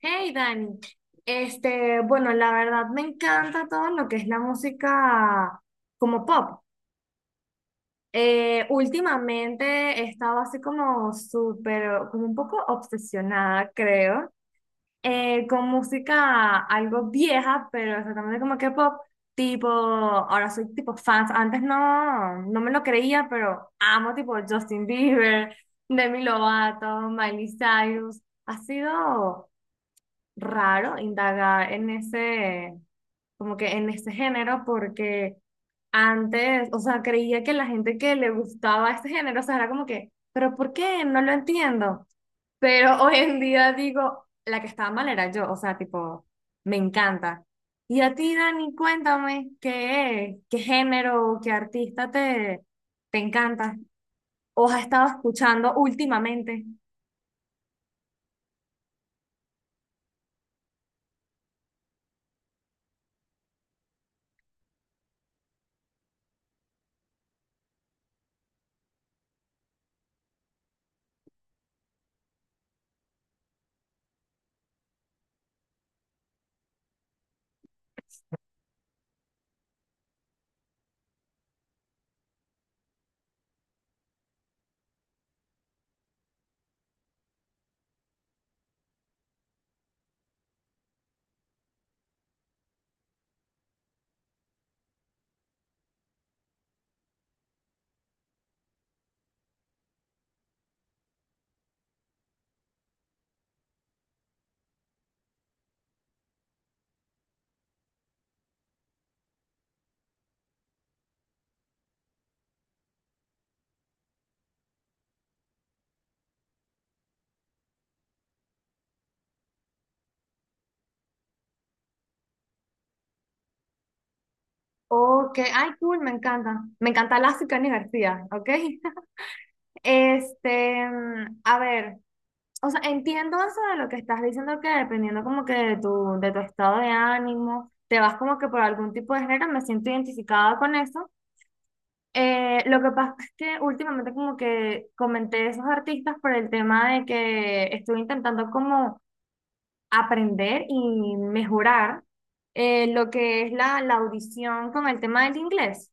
Hey Dani, bueno, la verdad me encanta todo lo que es la música como pop. Últimamente he estado así como súper, como un poco obsesionada, creo, con música algo vieja, pero exactamente como que pop, tipo, ahora soy tipo fans, antes no me lo creía, pero amo tipo Justin Bieber, Demi Lovato, Miley Cyrus, ha sido raro indagar en ese, como que en ese género, porque antes, o sea, creía que la gente que le gustaba este género, o sea, era como que, pero ¿por qué? No lo entiendo. Pero hoy en día digo, la que estaba mal era yo, o sea, tipo, me encanta. Y a ti, Dani, cuéntame qué género, o qué te encanta o has estado escuchando últimamente. O que, ay, cool, me encanta. Me encanta Lázaro y Cani García, ¿ok? A ver, o sea, entiendo eso de lo que estás diciendo, que dependiendo como que de tu estado de ánimo, te vas como que por algún tipo de género, me siento identificada con eso. Lo que pasa es que últimamente como que comenté esos artistas por el tema de que estoy intentando como aprender y mejorar lo que la audición con el tema del inglés.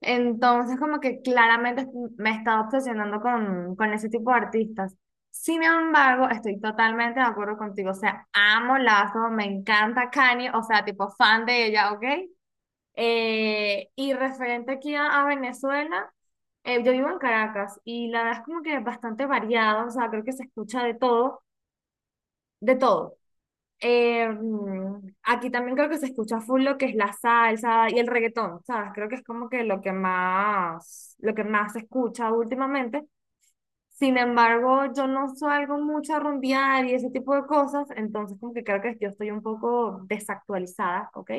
Entonces, como que claramente me estaba obsesionando con ese tipo de artistas. Sin embargo, estoy totalmente de acuerdo contigo. O sea, amo Lazo, me encanta Kanye, o sea, tipo fan de ella, ¿ok? Y referente aquí a Venezuela, yo vivo en Caracas y la verdad es como que bastante variado, o sea, creo que se escucha de todo, de todo. Aquí también creo que se escucha full lo que es la salsa y el reggaetón, ¿sabes? Creo que es como que lo que más se escucha últimamente. Sin embargo, yo no salgo mucho a rumbear y ese tipo de cosas, entonces como que creo que yo estoy un poco desactualizada, ¿ok?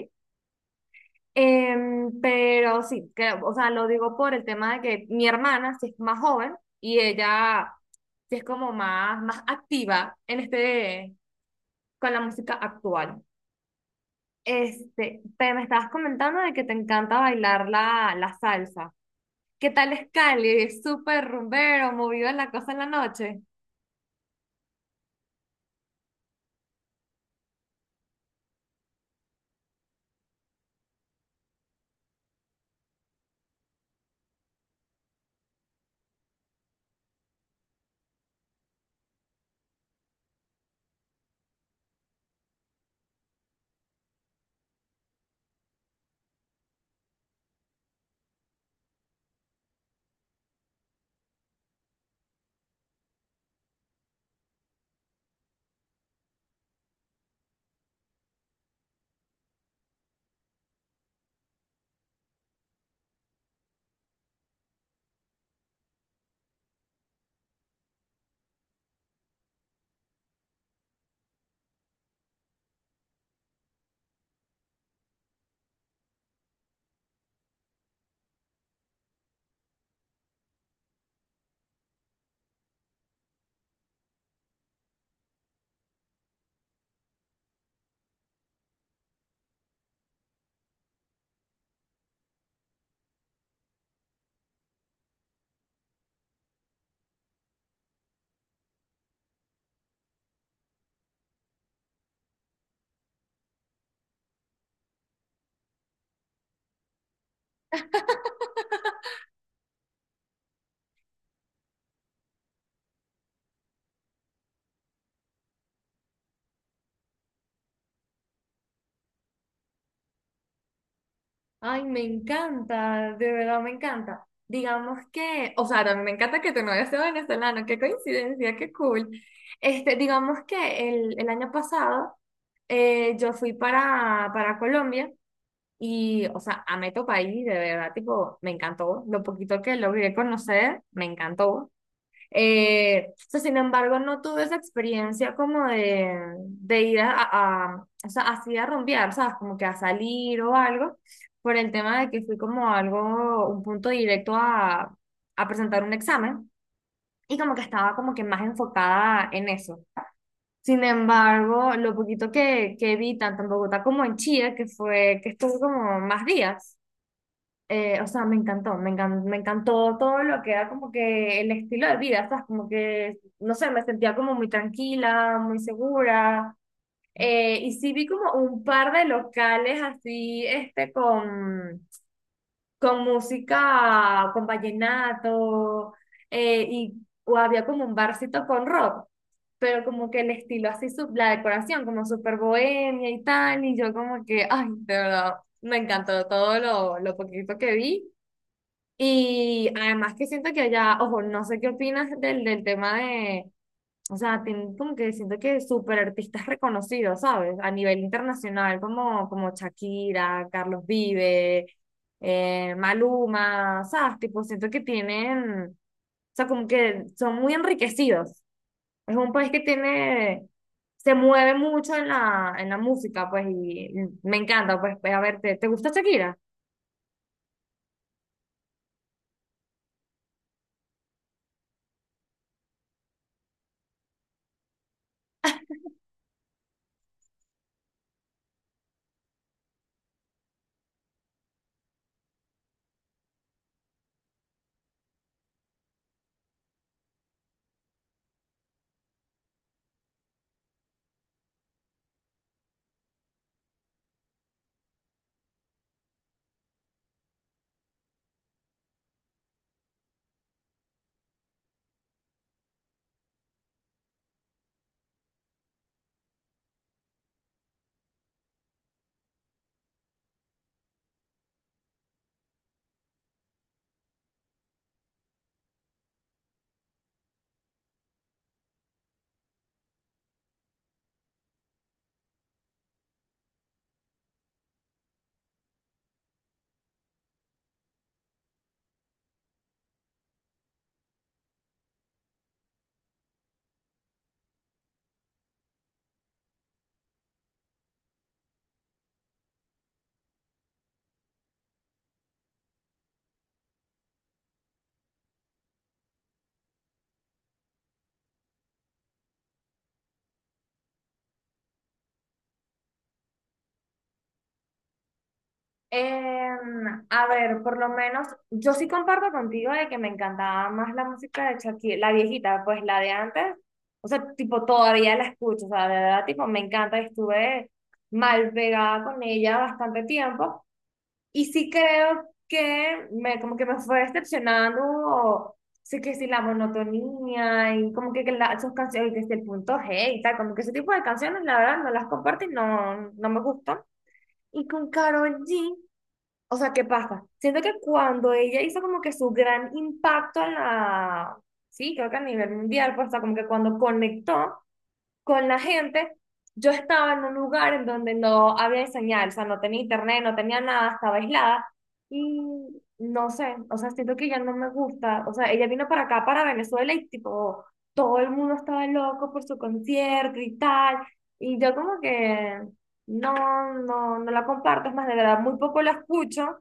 Pero sí, o sea, lo digo por el tema de que mi hermana sí es más joven y ella sí es como más, más activa en este, con la música actual. Te me estabas comentando de que te encanta bailar la salsa. ¿Qué tal es Cali? Es súper rumbero, movido en la cosa en la noche. Ay, me encanta, de verdad me encanta. Digamos que, o sea, también me encanta que tu novio sea venezolano, qué coincidencia, qué cool. Digamos que el año pasado yo fui para Colombia y, o sea, amé tu país, de verdad, tipo, me encantó. Lo poquito que logré conocer, me encantó. O sea, sin embargo, no tuve esa experiencia como de ir o sea, así a rumbear, ¿sabes? Como que a salir o algo, por el tema de que fui como algo, un punto directo a presentar un examen y como que estaba como que más enfocada en eso. Sin embargo, lo poquito que vi tanto en Bogotá como en Chile, que fue que estuve como más días o sea, me encantó, me encantó todo lo que era como que el estilo de vida, ¿sabes? Como que, no sé, me sentía como muy tranquila, muy segura. Y sí vi como un par de locales así, con música, con vallenato, y o había como un barcito con rock, pero como que el estilo así, la decoración como súper bohemia y tal, y yo como que, ay, de verdad, me encantó todo lo poquito que vi. Y además que siento que allá, ojo, no sé qué opinas del tema de, o sea, tienen como que siento que súper artistas reconocidos, ¿sabes? A nivel internacional, como Shakira, Carlos Vive, Maluma, ¿sabes? Tipo, siento que tienen, o sea, como que son muy enriquecidos. Es un país que tiene, se mueve mucho en en la música, pues, y me encanta, pues, pues, a ver, te gusta Shakira? A ver, por lo menos yo sí comparto contigo de que me encantaba más la música de Shakira, la viejita, pues la de antes, o sea, tipo todavía la escucho, o sea, de verdad, tipo me encanta, estuve mal pegada con ella bastante tiempo y sí creo que me, como que me fue decepcionando, o, sí que sí la monotonía y como que, sus canciones, que sí, el punto G y tal, como que ese tipo de canciones, la verdad, no las comparto y no me gustan. Y con Karol G. O sea, ¿qué pasa? Siento que cuando ella hizo como que su gran impacto en la, sí, creo que a nivel mundial, pues, o sea, como que cuando conectó con la gente, yo estaba en un lugar en donde no había señal, o sea, no tenía internet, no tenía nada, estaba aislada y no sé, o sea, siento que ya no me gusta, o sea, ella vino para acá, para Venezuela y tipo, todo el mundo estaba loco por su concierto y tal, y yo como que... No, no la comparto, es más, de verdad, muy poco la escucho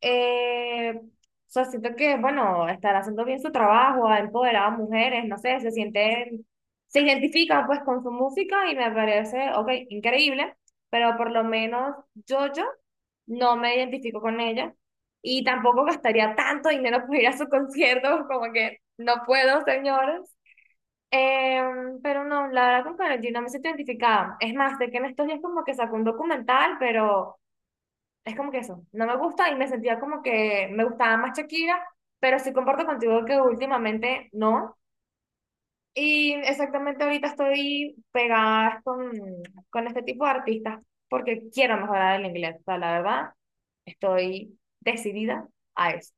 o sea, siento que, bueno, están haciendo bien su trabajo, ha empoderado a mujeres, no sé, se sienten, se identifican pues con su música y me parece, ok, increíble, pero por lo menos yo no me identifico con ella y tampoco gastaría tanto dinero por ir a su concierto, como que no puedo, señores. Eh, pero no, la verdad con Karol G no me siento identificada. Es más, sé que en estos días como que sacó un documental, pero... Es como que eso, no me gusta y me sentía como que me gustaba más Shakira, pero sí comparto contigo que últimamente no. Y exactamente ahorita estoy pegada con este tipo de artistas porque quiero mejorar el inglés. O sea, la verdad, estoy decidida a eso.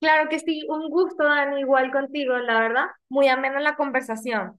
Claro que sí, un gusto, Dani, igual contigo, la verdad. Muy amena la conversación.